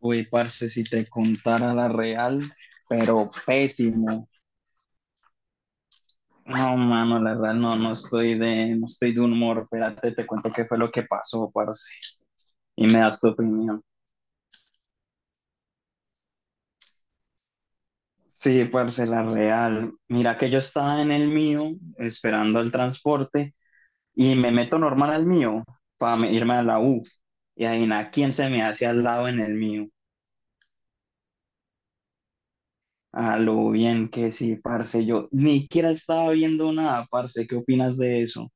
Uy, parce, si te contara la real, pero pésimo. No, mano, la verdad no, no estoy de humor. Espérate, te cuento qué fue lo que pasó, parce. Y me das tu opinión. Sí, parce, la real. Mira que yo estaba en el mío, esperando el transporte, y me meto normal al mío para irme a la U. Y adivina quién se me hace al lado en el mío. A lo bien que sí, parce. Yo ni siquiera estaba viendo nada, parce. ¿Qué opinas de eso?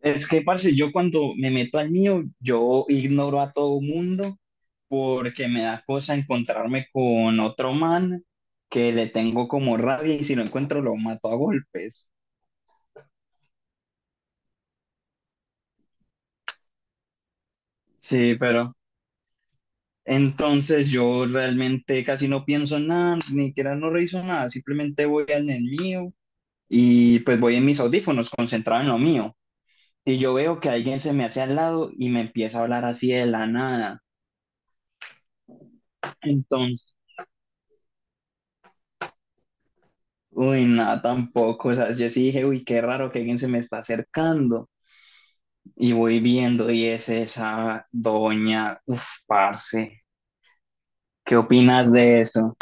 Es que, parce, yo cuando me meto al mío, yo ignoro a todo mundo porque me da cosa encontrarme con otro man que le tengo como rabia y si lo encuentro lo mato a golpes. Sí, pero entonces yo realmente casi no pienso en nada, ni siquiera no reviso nada, simplemente voy al el mío y pues voy en mis audífonos concentrado en lo mío. Y yo veo que alguien se me hace al lado y me empieza a hablar así de la nada. entonces Uy, nada tampoco. O sea, yo sí dije, uy, qué raro que alguien se me está acercando. Y voy viendo, y es esa doña. Uf, parce, ¿qué opinas de eso?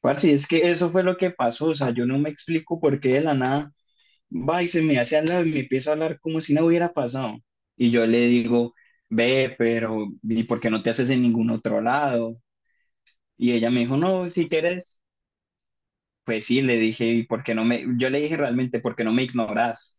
Parce, es que eso fue lo que pasó. O sea, yo no me explico por qué de la nada va y se me hace al lado y me empieza a hablar como si no hubiera pasado. Y yo le digo, ve, pero, ¿y por qué no te haces en ningún otro lado? Y ella me dijo, no, si quieres, pues sí, le dije, ¿y por qué no me? Yo le dije realmente, ¿por qué no me ignoras?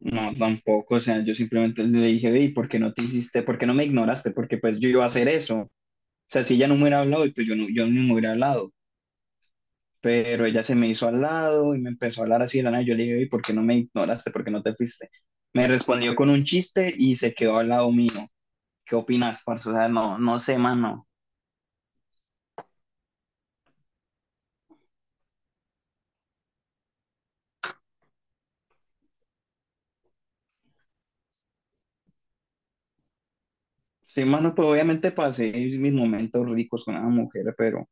No, tampoco, o sea, yo simplemente le dije, ve, ¿y por qué no te hiciste, por qué no me ignoraste? Porque pues yo iba a hacer eso. O sea, si ella no me hubiera hablado, y pues yo no, yo no me hubiera hablado. Pero ella se me hizo al lado y me empezó a hablar así de la nada. Yo le dije, ve, ¿y por qué no me ignoraste? ¿Por qué no te fuiste? Me respondió con un chiste y se quedó al lado mío. ¿Qué opinas, parce? O sea, no, no sé, mano. Sí, mano, pues obviamente pasé mis momentos ricos con esa mujer, pero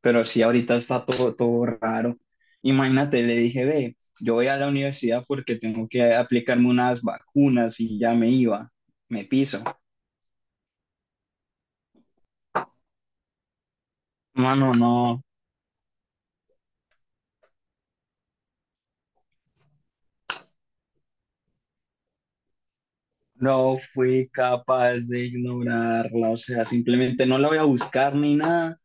Pero sí, ahorita está todo, todo raro. Imagínate, le dije, ve, yo voy a la universidad porque tengo que aplicarme unas vacunas y ya me iba, me piso. Mano, no, no fui capaz de ignorarla, o sea, simplemente no la voy a buscar ni nada.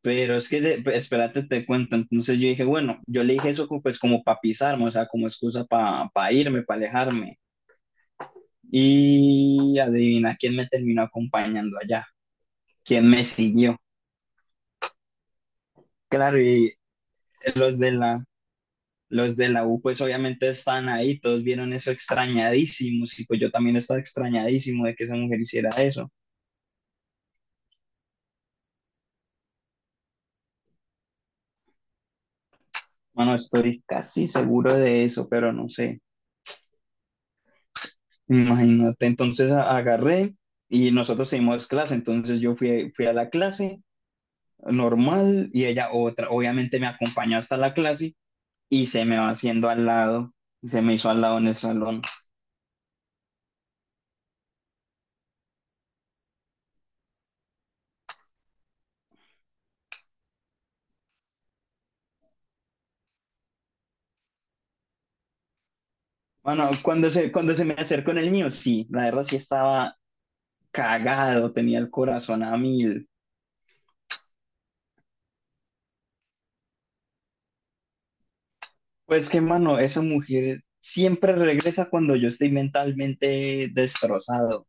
Pero es que, pues, espérate, te cuento. Entonces yo dije, bueno, yo le dije eso como, pues como para pisarme, o sea, como excusa para irme, para alejarme. Y adivina quién me terminó acompañando allá, quién me siguió. Claro, y los de la, los de la U, pues obviamente están ahí, todos vieron eso extrañadísimos, y pues yo también estaba extrañadísimo de que esa mujer hiciera eso. Bueno, estoy casi seguro de eso, pero no sé. Imagínate, entonces agarré y nosotros seguimos clase, entonces yo fui a la clase normal y ella otra, obviamente me acompañó hasta la clase y se me va haciendo al lado, se me hizo al lado en el salón. Bueno, cuando se me acercó en el mío, sí, la verdad sí estaba cagado, tenía el corazón a mil. Pues que, mano, esa mujer siempre regresa cuando yo estoy mentalmente destrozado,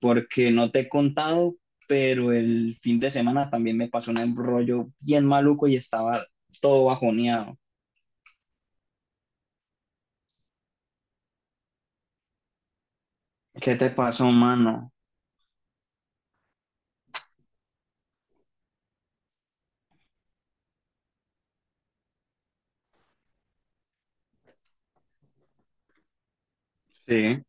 porque no te he contado, pero el fin de semana también me pasó un embrollo bien maluco y estaba todo bajoneado. ¿Qué te pasó, mano? Sí.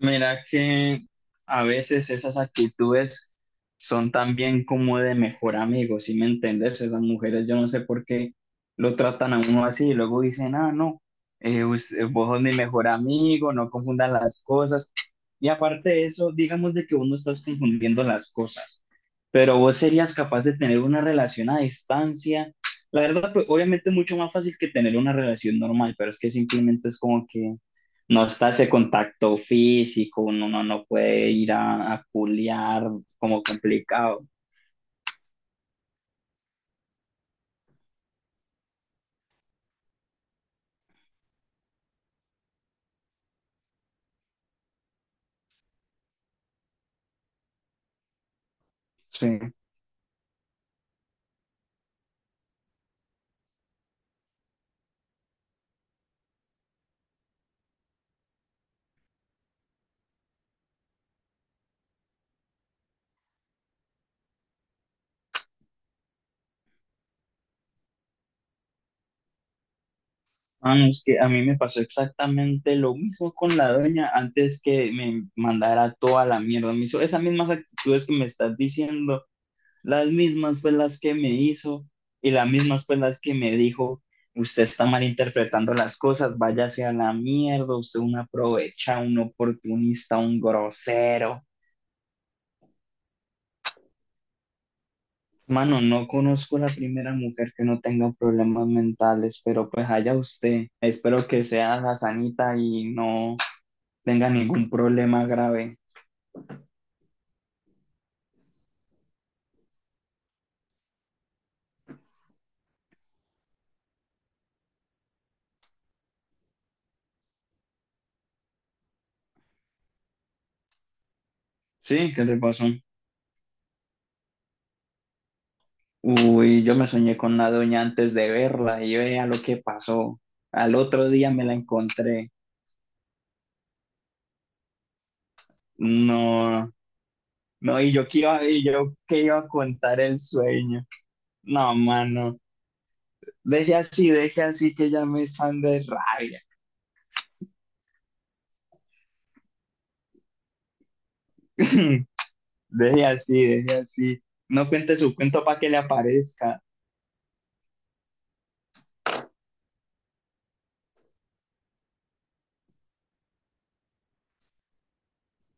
Mira que a veces esas actitudes son también como de mejor amigo, ¿sí me entiendes? Esas mujeres, yo no sé por qué lo tratan a uno así y luego dicen, ah, no, vos sos mi mejor amigo, no confundan las cosas. Y aparte de eso, digamos de que uno estás confundiendo las cosas, pero vos serías capaz de tener una relación a distancia. La verdad, pues, obviamente es mucho más fácil que tener una relación normal, pero es que simplemente es como que no está ese contacto físico, uno no puede ir a culiar, como complicado. Sí. Ah, no, es que a mí me pasó exactamente lo mismo con la doña antes que me mandara toda la mierda. Me hizo esas mismas actitudes que me estás diciendo, las mismas fue las que me hizo y las mismas fue las que me dijo, usted está malinterpretando las cosas, váyase a la mierda, usted es un aprovechado, un oportunista, un grosero. Mano, no conozco la primera mujer que no tenga problemas mentales, pero pues allá usted. Espero que sea la sanita y no tenga ningún problema grave. Sí, ¿qué le pasó? Uy, yo me soñé con la doña antes de verla y vea lo que pasó. Al otro día me la encontré. No, no, y yo qué iba a contar el sueño. No, mano, deje así que ya me están de rabia. Deje así, deje así. No cuente su cuento para que le aparezca.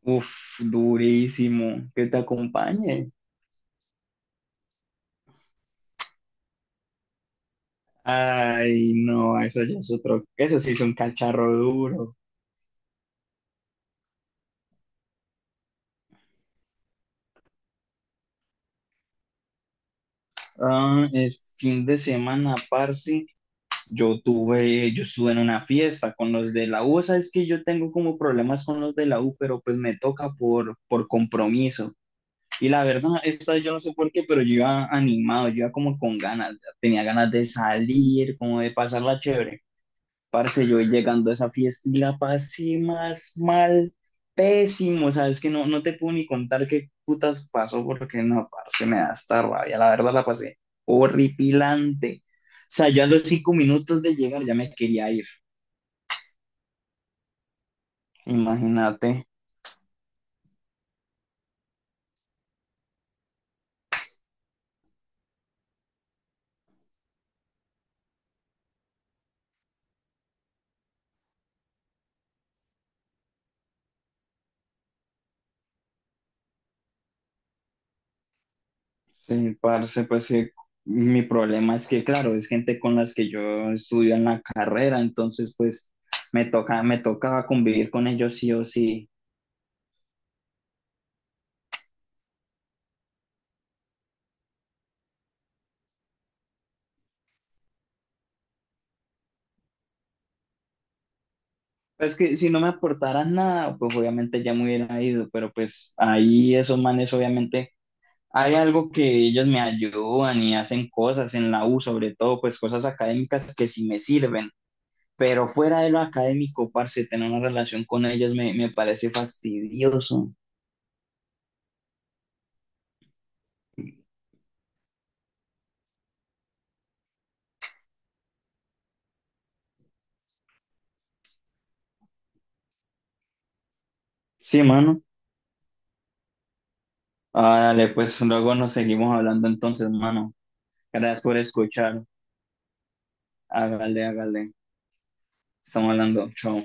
Uf, durísimo. Que te acompañe. Ay, no, eso ya es otro. Eso sí es un cacharro duro. Ah, el fin de semana, parce, yo estuve en una fiesta con los de la U. Sabes que yo tengo como problemas con los de la U, pero pues me toca por compromiso. Y la verdad, esta vez yo no sé por qué, pero yo iba animado, yo iba como con ganas, ya tenía ganas de salir, como de pasarla chévere. Parce, yo voy llegando a esa fiesta y la pasé más mal, pésimo, sabes que no, no te puedo ni contar qué putas pasó porque no, parce, me da esta rabia, la verdad la pasé horripilante. O sea, yo a los 5 minutos de llegar ya me quería ir, imagínate. Sí, parce, pues que mi problema es que, claro, es gente con las que yo estudio en la carrera, entonces pues me toca, me tocaba convivir con ellos sí o sí. Pues que si no me aportaran nada, pues obviamente ya me hubiera ido, pero pues ahí esos manes obviamente hay algo que ellos me ayudan y hacen cosas en la U, sobre todo pues cosas académicas que sí me sirven, pero fuera de lo académico, parce, tener una relación con ellos me parece fastidioso. Sí, mano. Ah, dale, pues luego nos seguimos hablando entonces, hermano. Gracias por escuchar. Hágale, hágale. Estamos hablando. Chao.